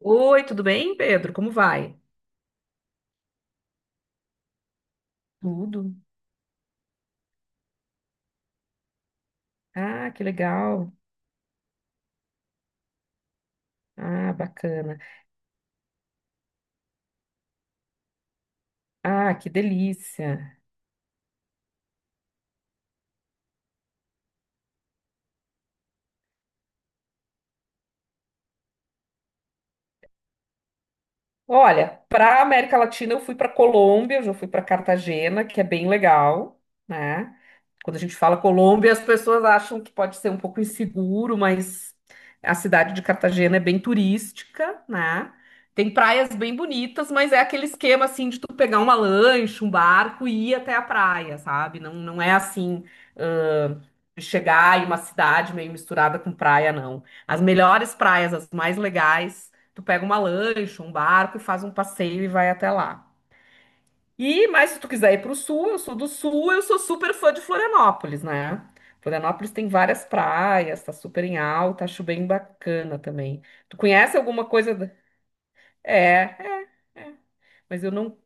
Oi, tudo bem, Pedro? Como vai? Tudo. Ah, que legal. Ah, bacana. Ah, que delícia. Olha, para América Latina eu fui para Colômbia, eu já fui para Cartagena, que é bem legal, né? Quando a gente fala Colômbia, as pessoas acham que pode ser um pouco inseguro, mas a cidade de Cartagena é bem turística, né? Tem praias bem bonitas, mas é aquele esquema assim de tu pegar uma lancha, um barco e ir até a praia, sabe? Não, não é assim, ãh, de chegar em uma cidade meio misturada com praia, não. As melhores praias, as mais legais, tu pega uma lancha, um barco e faz um passeio e vai até lá. E, mas se tu quiser ir pro sul, eu sou do sul, eu sou super fã de Florianópolis, né? Florianópolis tem várias praias, tá super em alta, acho bem bacana também. Tu conhece alguma coisa? É, é, é. Mas eu não.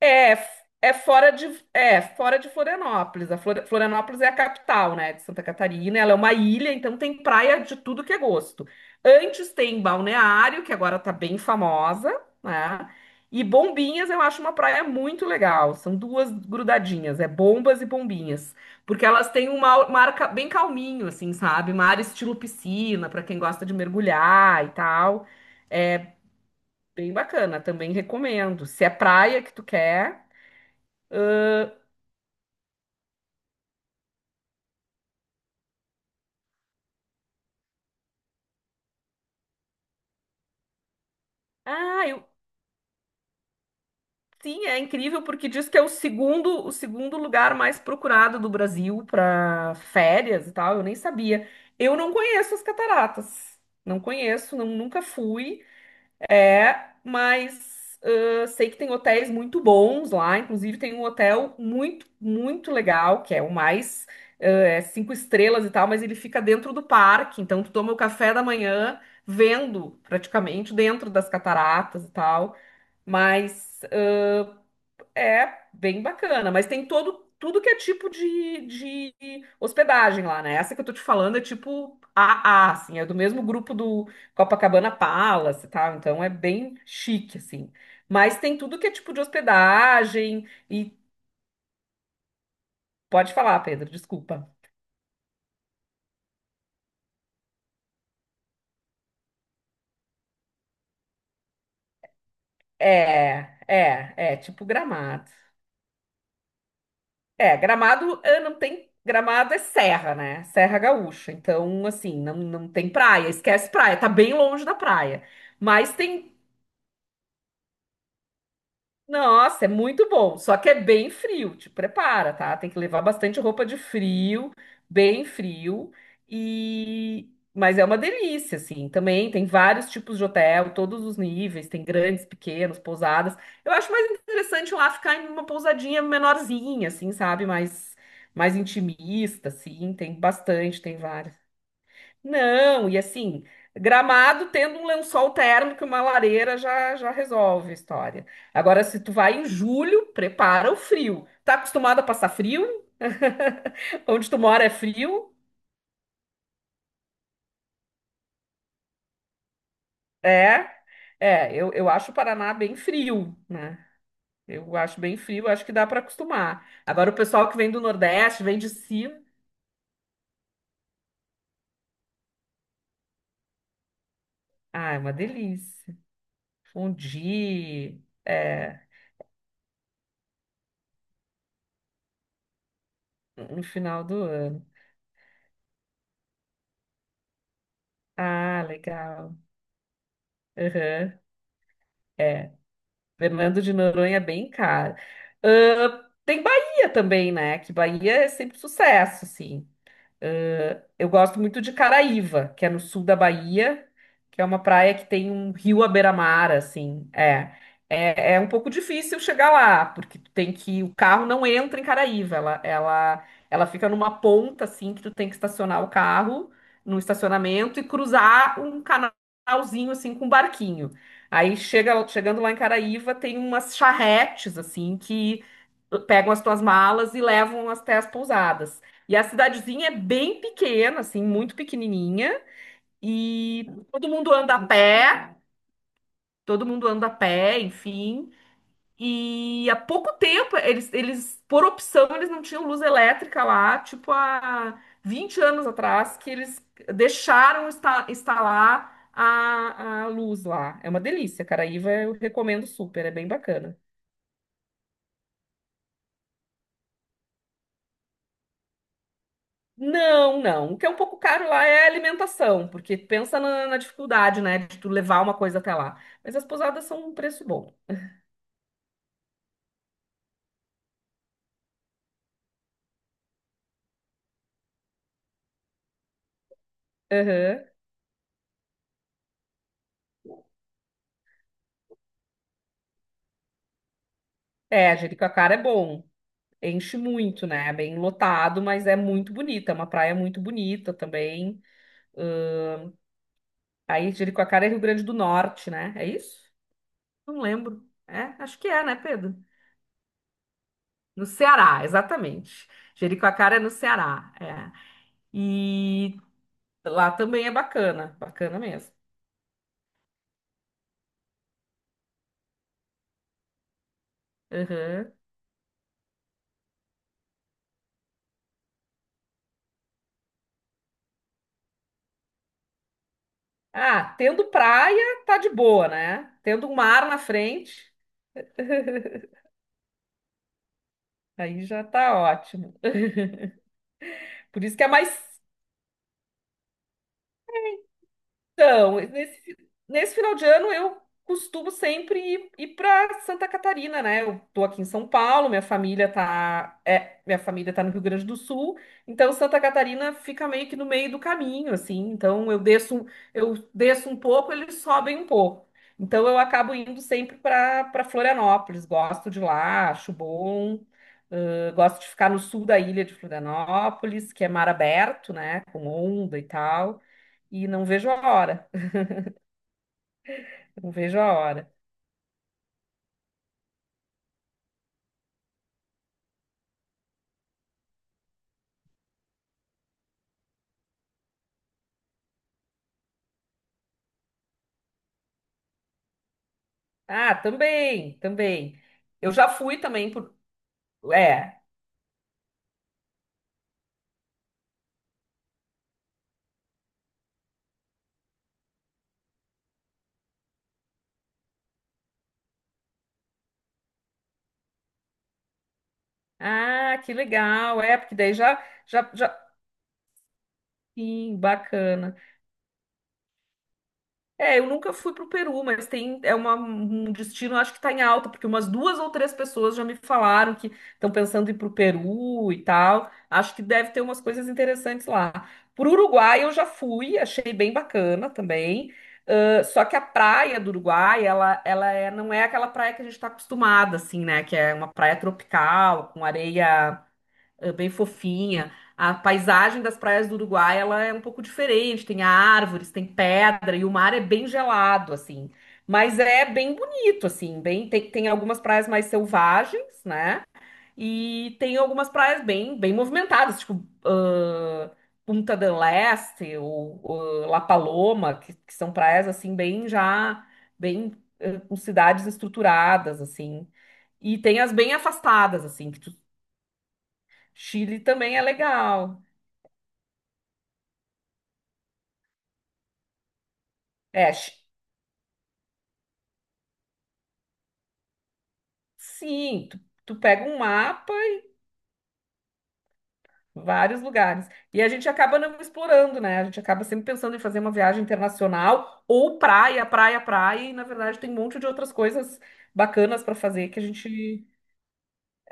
É, é fora de Florianópolis. A Florianópolis é a capital, né, de Santa Catarina. Ela é uma ilha, então tem praia de tudo que é gosto. Antes tem Balneário, que agora tá bem famosa, né? E Bombinhas eu acho uma praia muito legal. São duas grudadinhas, é Bombas e Bombinhas, porque elas têm um mar bem calminho, assim, sabe? Mar estilo piscina, para quem gosta de mergulhar e tal. É bem bacana, também recomendo. Se é praia que tu quer. Ah, sim, é incrível porque diz que é o segundo lugar mais procurado do Brasil para férias e tal. Eu nem sabia. Eu não conheço as cataratas. Não conheço, nunca fui. É, mas sei que tem hotéis muito bons lá. Inclusive tem um hotel muito, muito legal, que é o mais é cinco estrelas e tal, mas ele fica dentro do parque. Então tu toma o café da manhã vendo praticamente dentro das cataratas e tal. Mas é bem bacana, mas tem todo tudo que é tipo de hospedagem lá, né? Essa que eu tô te falando é tipo a, assim, é do mesmo grupo do Copacabana Palace, tá? Então é bem chique, assim. Mas tem tudo que é tipo de hospedagem. E pode falar, Pedro, desculpa. É, é, é tipo Gramado. É, Gramado, não tem. Gramado é serra, né? Serra Gaúcha. Então, assim, não, não tem praia. Esquece praia. Tá bem longe da praia. Mas tem. Nossa, é muito bom, só que é bem frio, te prepara, tá? Tem que levar bastante roupa de frio, bem frio, e mas é uma delícia, assim. Também tem vários tipos de hotel, todos os níveis, tem grandes, pequenos, pousadas. Eu acho mais interessante lá ficar em uma pousadinha menorzinha, assim, sabe? Mais intimista, assim, tem bastante, tem várias. Não, e assim, Gramado tendo um lençol térmico e uma lareira já, já resolve a história. Agora, se tu vai em julho, prepara o frio. Tá acostumado a passar frio? Onde tu mora é frio? É, é, eu acho o Paraná bem frio, né? Eu acho bem frio, acho que dá para acostumar. Agora, o pessoal que vem do Nordeste, vem de cima, ah, é uma delícia. Fondue, é, no final do ano. Ah, legal. Aham. É. Fernando de Noronha é bem caro. Tem Bahia também, né? Que Bahia é sempre sucesso, assim. Ah, eu gosto muito de Caraíva, que é no sul da Bahia, que é uma praia que tem um rio à beira-mar, assim. É, é, é um pouco difícil chegar lá, porque tu tem que o carro não entra em Caraíva, ela fica numa ponta assim que tu tem que estacionar o carro no estacionamento e cruzar um canalzinho assim com um barquinho. Aí chegando lá em Caraíva, tem umas charretes assim que pegam as tuas malas e levam até as pousadas. E a cidadezinha é bem pequena, assim, muito pequenininha. E todo mundo anda a pé, todo mundo anda a pé, enfim. E há pouco tempo, por opção, eles não tinham luz elétrica lá, tipo há 20 anos atrás, que eles deixaram instalar a luz lá. É uma delícia, Caraíva, eu recomendo super, é bem bacana. Não, não. O que é um pouco caro lá é a alimentação, porque pensa na, na dificuldade, né, de tu levar uma coisa até lá. Mas as pousadas são um preço bom. Aham. É, Jericoacoara é bom. Enche muito, né? É bem lotado, mas é muito bonita. É uma praia muito bonita também. Ahn, aí Jericoacoara é Rio Grande do Norte, né? É isso? Não lembro. É, acho que é, né, Pedro? No Ceará, exatamente. Jericoacoara é no Ceará. É. E lá também é bacana, bacana mesmo. Aham. Ah, tendo praia, tá de boa, né? Tendo um mar na frente, aí já tá ótimo. Por isso que é mais. Então, nesse final de ano eu costumo sempre ir para Santa Catarina, né? Eu tô aqui em São Paulo, minha família tá no Rio Grande do Sul, então Santa Catarina fica meio que no meio do caminho, assim. Então eu desço um pouco, eles sobem um pouco. Então eu acabo indo sempre para Florianópolis, gosto de lá, acho bom. Gosto de ficar no sul da ilha de Florianópolis, que é mar aberto, né? Com onda e tal e não vejo a hora. Eu não vejo a hora. Ah, também, também. Eu já fui também por. É. Ah, que legal. É, porque daí já, já, já. Sim, bacana. É, eu nunca fui pro Peru, mas tem é um destino, acho que tá em alta, porque umas duas ou três pessoas já me falaram que estão pensando em ir pro Peru e tal. Acho que deve ter umas coisas interessantes lá. Pro Uruguai eu já fui, achei bem bacana também. Só que a praia do Uruguai, ela, não é aquela praia que a gente está acostumada, assim, né? Que é uma praia tropical, com areia é bem fofinha. A paisagem das praias do Uruguai, ela é um pouco diferente, tem árvores, tem pedra e o mar é bem gelado assim. Mas é bem bonito assim, bem tem algumas praias mais selvagens, né? E tem algumas praias bem bem movimentadas, tipo Punta del Este ou La Paloma, que são praias assim bem já bem com cidades estruturadas assim. E tem as bem afastadas, assim, que tu Chile também é legal. É, sim, tu pega um mapa, e vários lugares. E a gente acaba não explorando, né? A gente acaba sempre pensando em fazer uma viagem internacional ou praia, praia, praia. E na verdade tem um monte de outras coisas bacanas para fazer que a gente.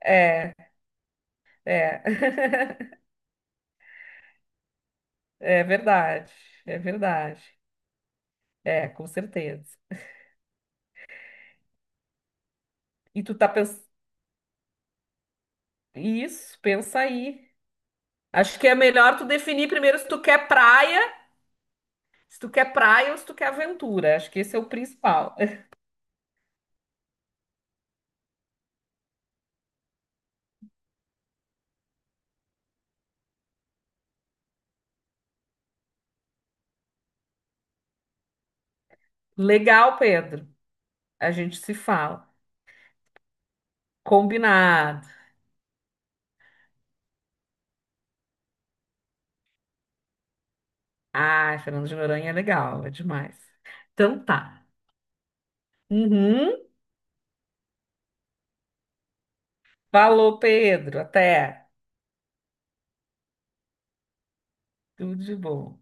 É, é. É verdade, é verdade. É, com certeza. E tu tá pensando. Isso, pensa aí. Acho que é melhor tu definir primeiro se tu quer praia. Se tu quer praia ou se tu quer aventura. Acho que esse é o principal. Legal, Pedro. A gente se fala. Combinado. Ai, Fernando de Noronha é legal, é demais. Então tá. Uhum. Falou, Pedro. Até. Tudo de bom.